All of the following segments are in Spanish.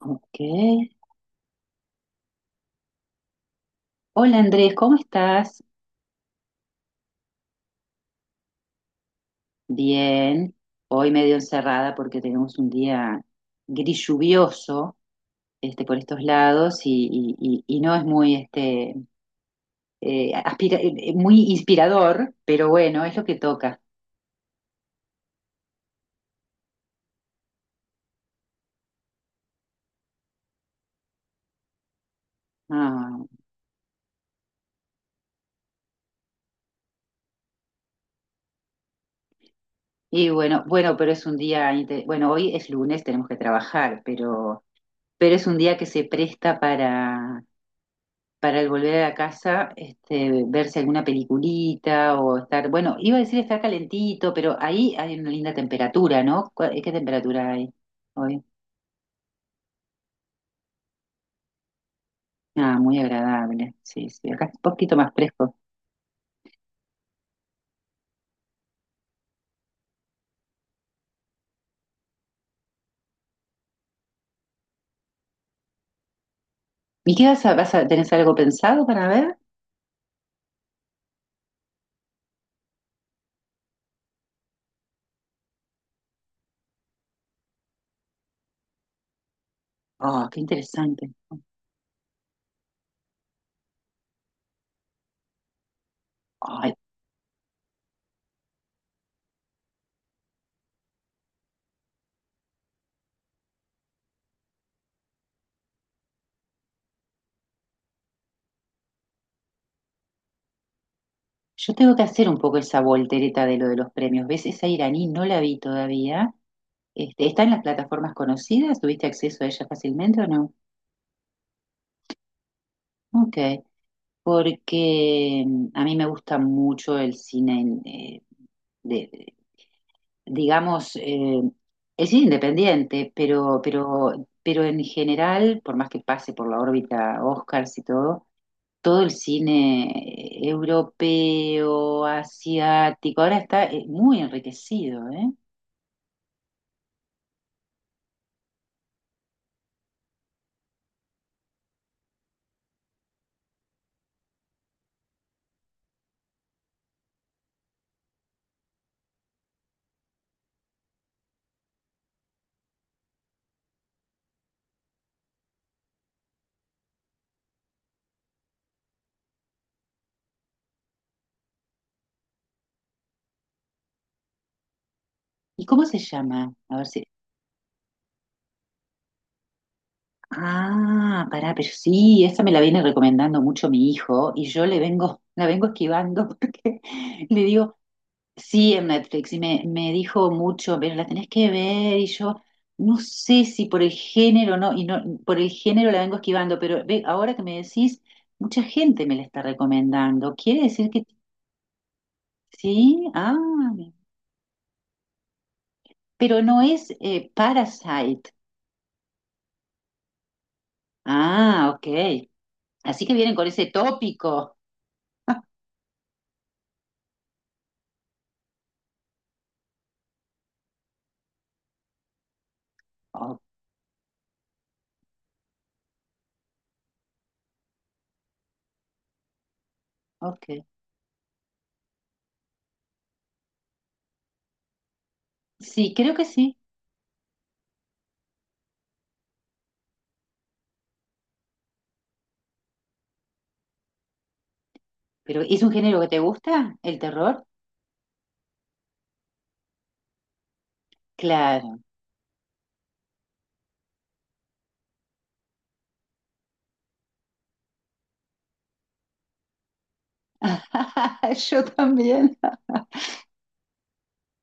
Ok. Hola Andrés, ¿cómo estás? Bien. Hoy medio encerrada porque tenemos un día gris lluvioso este, por estos lados y no es muy, este, muy inspirador, pero bueno, es lo que toca. Ah, y bueno, pero es un día, bueno, hoy es lunes, tenemos que trabajar, pero es un día que se presta para el volver a la casa, este, verse alguna peliculita o estar, bueno, iba a decir estar calentito, pero ahí hay una linda temperatura, ¿no? ¿Qué temperatura hay hoy? Ah, muy agradable, sí, sí, acá es un poquito más fresco. ¿Y qué tenés algo pensado para ver? Ah, qué interesante. Ay, yo tengo que hacer un poco esa voltereta de lo de los premios. ¿Ves? Esa iraní no la vi todavía. Este, ¿está en las plataformas conocidas? ¿Tuviste acceso a ella fácilmente o no? Ok, porque a mí me gusta mucho el cine, de, digamos, el cine independiente, pero en general, por más que pase por la órbita Oscars y todo, todo el cine europeo, asiático, ahora está muy enriquecido, ¿eh? ¿Y cómo se llama? A ver si. Ah, pará, pero sí, esa me la viene recomendando mucho mi hijo y yo le vengo, la vengo esquivando porque le digo, sí, en Netflix y me dijo mucho, pero la tenés que ver y yo no sé si por el género no, y no, por el género la vengo esquivando, pero ve, ahora que me decís, mucha gente me la está recomendando. Quiere decir que sí, ah, pero no es Parasite. Ah, ok. Así que vienen con ese tópico. Oh, ok. Sí, creo que sí. Pero ¿es un género que te gusta? ¿El terror? Claro. Yo también.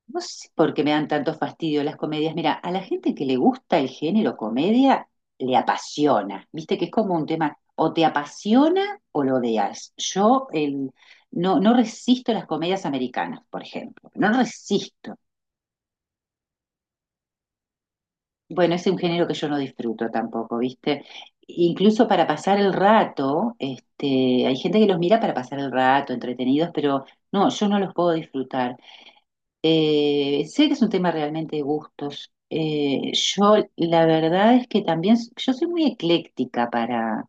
No sé por qué me dan tanto fastidio las comedias. Mira, a la gente que le gusta el género comedia, le apasiona. Viste que es como un tema, o te apasiona o lo odias. No, no resisto las comedias americanas, por ejemplo. No resisto. Bueno, es un género que yo no disfruto tampoco, ¿viste? Incluso para pasar el rato, este, hay gente que los mira para pasar el rato, entretenidos, pero no, yo no los puedo disfrutar. Sé que es un tema realmente de gustos. Yo, la verdad es que también, yo soy muy ecléctica para,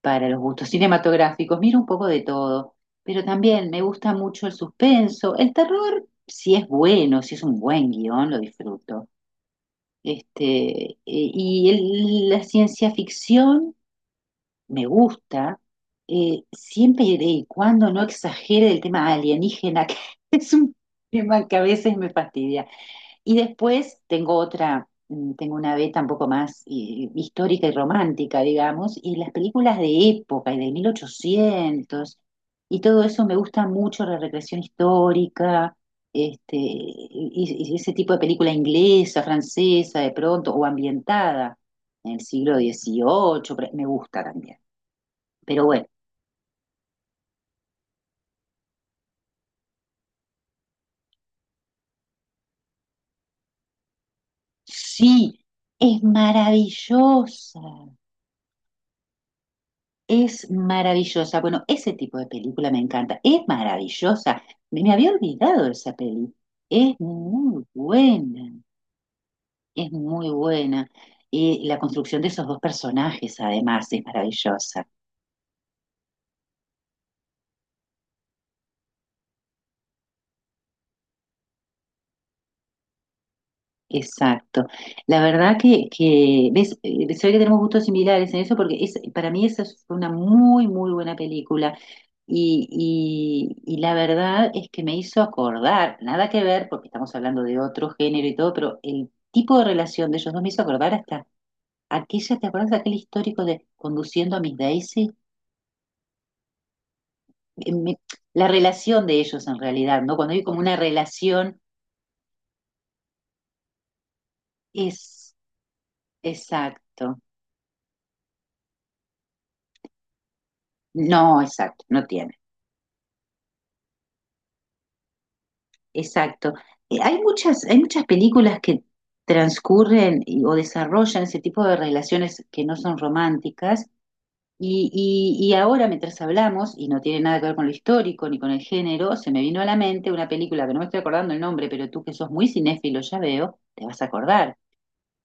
para los gustos cinematográficos, miro un poco de todo, pero también me gusta mucho el suspenso, el terror, si es bueno, si es un buen guión, lo disfruto. Este, y la ciencia ficción me gusta, siempre y cuando no exagere el tema alienígena, que es un tema que a veces me fastidia. Y después tengo otra, tengo una beta un poco más histórica y romántica, digamos, y las películas de época y de 1800 y todo eso me gusta mucho, la recreación histórica, este, y, ese tipo de película inglesa, francesa, de pronto, o ambientada en el siglo 18, me gusta también. Pero bueno, sí, es maravillosa. Es maravillosa. Bueno, ese tipo de película me encanta. Es maravillosa. Me había olvidado de esa peli. Es muy buena. Es muy buena. Y la construcción de esos dos personajes, además, es maravillosa. Exacto. La verdad que ves, se ve que tenemos gustos similares en eso porque es, para mí esa fue una muy, muy buena película y, la verdad es que me hizo acordar, nada que ver porque estamos hablando de otro género y todo, pero el tipo de relación de ellos dos me hizo acordar hasta aquella, ¿te acuerdas de aquel histórico de Conduciendo a Miss Daisy? Eh, me- la relación de ellos en realidad, ¿no? Cuando hay como una relación es exacto. No, exacto, no tiene. Exacto. Hay muchas, películas que transcurren o desarrollan ese tipo de relaciones que no son románticas. Y ahora, mientras hablamos, y no tiene nada que ver con lo histórico ni con el género, se me vino a la mente una película que no me estoy acordando el nombre, pero tú que sos muy cinéfilo, ya veo, te vas a acordar.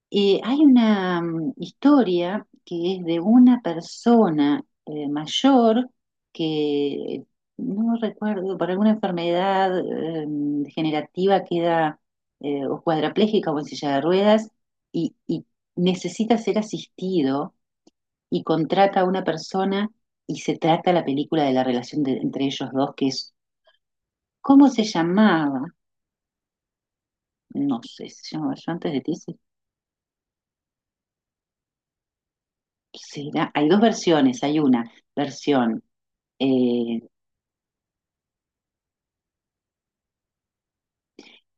Hay una historia que es de una persona mayor que no recuerdo, por alguna enfermedad degenerativa queda o cuadraplégica o en silla de ruedas y necesita ser asistido y contrata a una persona y se trata la película de la relación entre ellos dos, que es, ¿cómo se llamaba? No sé, ¿se llamaba yo antes de ti? ¿Será? Hay dos versiones, hay una versión, eh,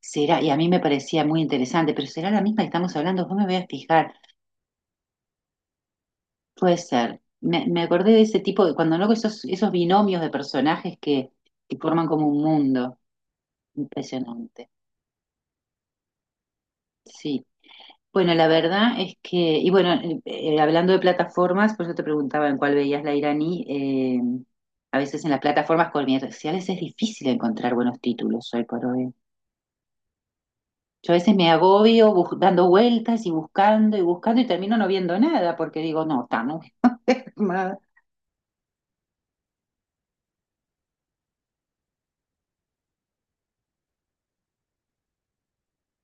será, y a mí me parecía muy interesante, pero será la misma que estamos hablando, vos me voy a fijar, puede ser. Me acordé de ese tipo de, cuando luego esos binomios de personajes que forman como un mundo impresionante. Sí. Bueno, la verdad es que, y bueno, hablando de plataformas, por eso te preguntaba en cuál veías la iraní, a veces en las plataformas comerciales es difícil encontrar buenos títulos hoy por hoy. Yo a veces me agobio dando vueltas y buscando y buscando y termino no viendo nada porque digo, no, estamos quemada.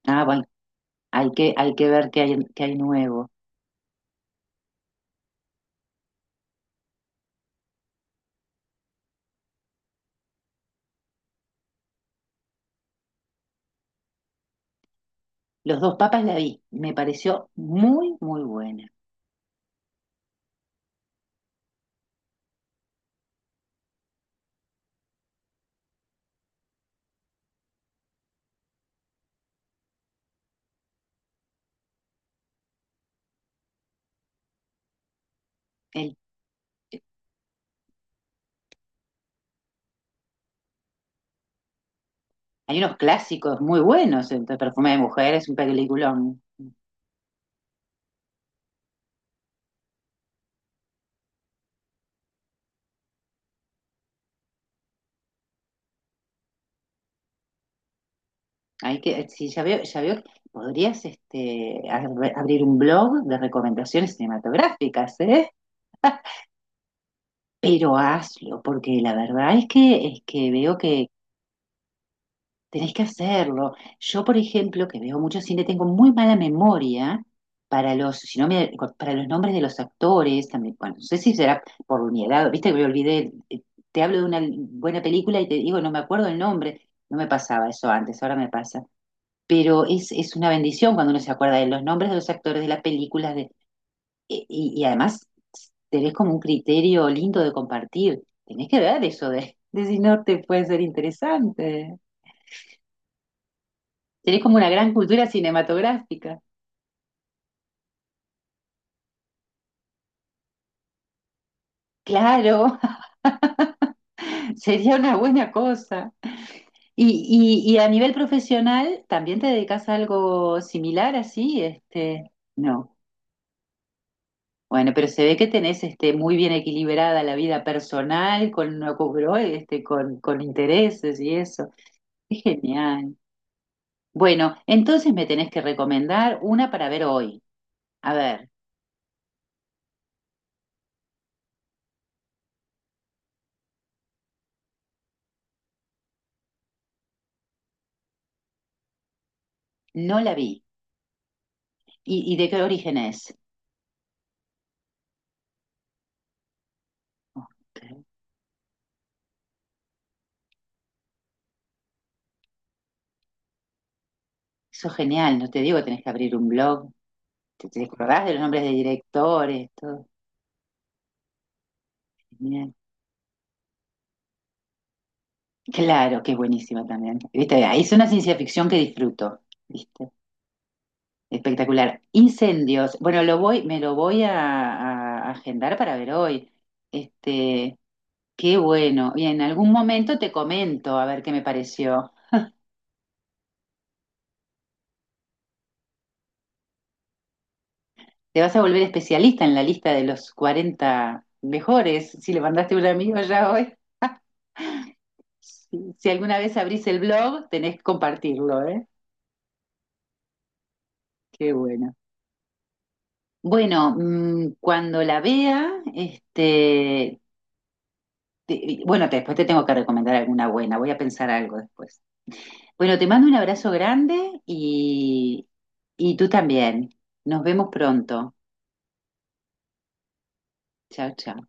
Ah, bueno, hay que ver qué hay nuevo. Los dos papas la vi, me pareció muy, muy buena. El- hay unos clásicos muy buenos, el Perfume de Mujer es un peliculón. Hay que, sí, ya veo que podrías este, abrir un blog de recomendaciones cinematográficas, ¿eh? Pero hazlo, porque la verdad es que veo. Tenés que hacerlo. Yo, por ejemplo, que veo mucho cine, tengo muy mala memoria para los, si no me- para los nombres de los actores también. Bueno, no sé si será por mi edad, viste que me olvidé, te hablo de una buena película y te digo, no me acuerdo el nombre. No me pasaba eso antes, ahora me pasa. Pero es una bendición cuando uno se acuerda de los nombres de los actores de las películas de, y, y además tenés como un criterio lindo de compartir. Tenés que ver eso de si no te puede ser interesante. Tenés como una gran cultura cinematográfica. Claro, sería una buena cosa. Y a nivel profesional, ¿también te dedicas a algo similar así? Este, no. Bueno, pero se ve que tenés este, muy bien equilibrada la vida personal este, con intereses y eso. Es genial. Bueno, entonces me tenés que recomendar una para ver hoy. A ver, no la vi. ¿Y de qué origen es? Ok. Eso es genial, no te digo, tenés que abrir un blog. ¿Te acordás de los nombres de directores? Todo. Genial. Claro, que es buenísima también. ¿Viste? Ahí es una ciencia ficción que disfruto. ¿Viste? Espectacular. Incendios. Bueno, me lo voy a agendar para ver hoy. Este, qué bueno. Y en algún momento te comento a ver qué me pareció. Te vas a volver especialista en la lista de los 40 mejores. Si le mandaste a un amigo ya hoy. Si alguna vez abrís el blog, tenés que compartirlo, ¿eh? Qué bueno. Bueno, cuando la vea, este, bueno, después te tengo que recomendar alguna buena, voy a pensar algo después. Bueno, te mando un abrazo grande y tú también. Nos vemos pronto. Chao, chao.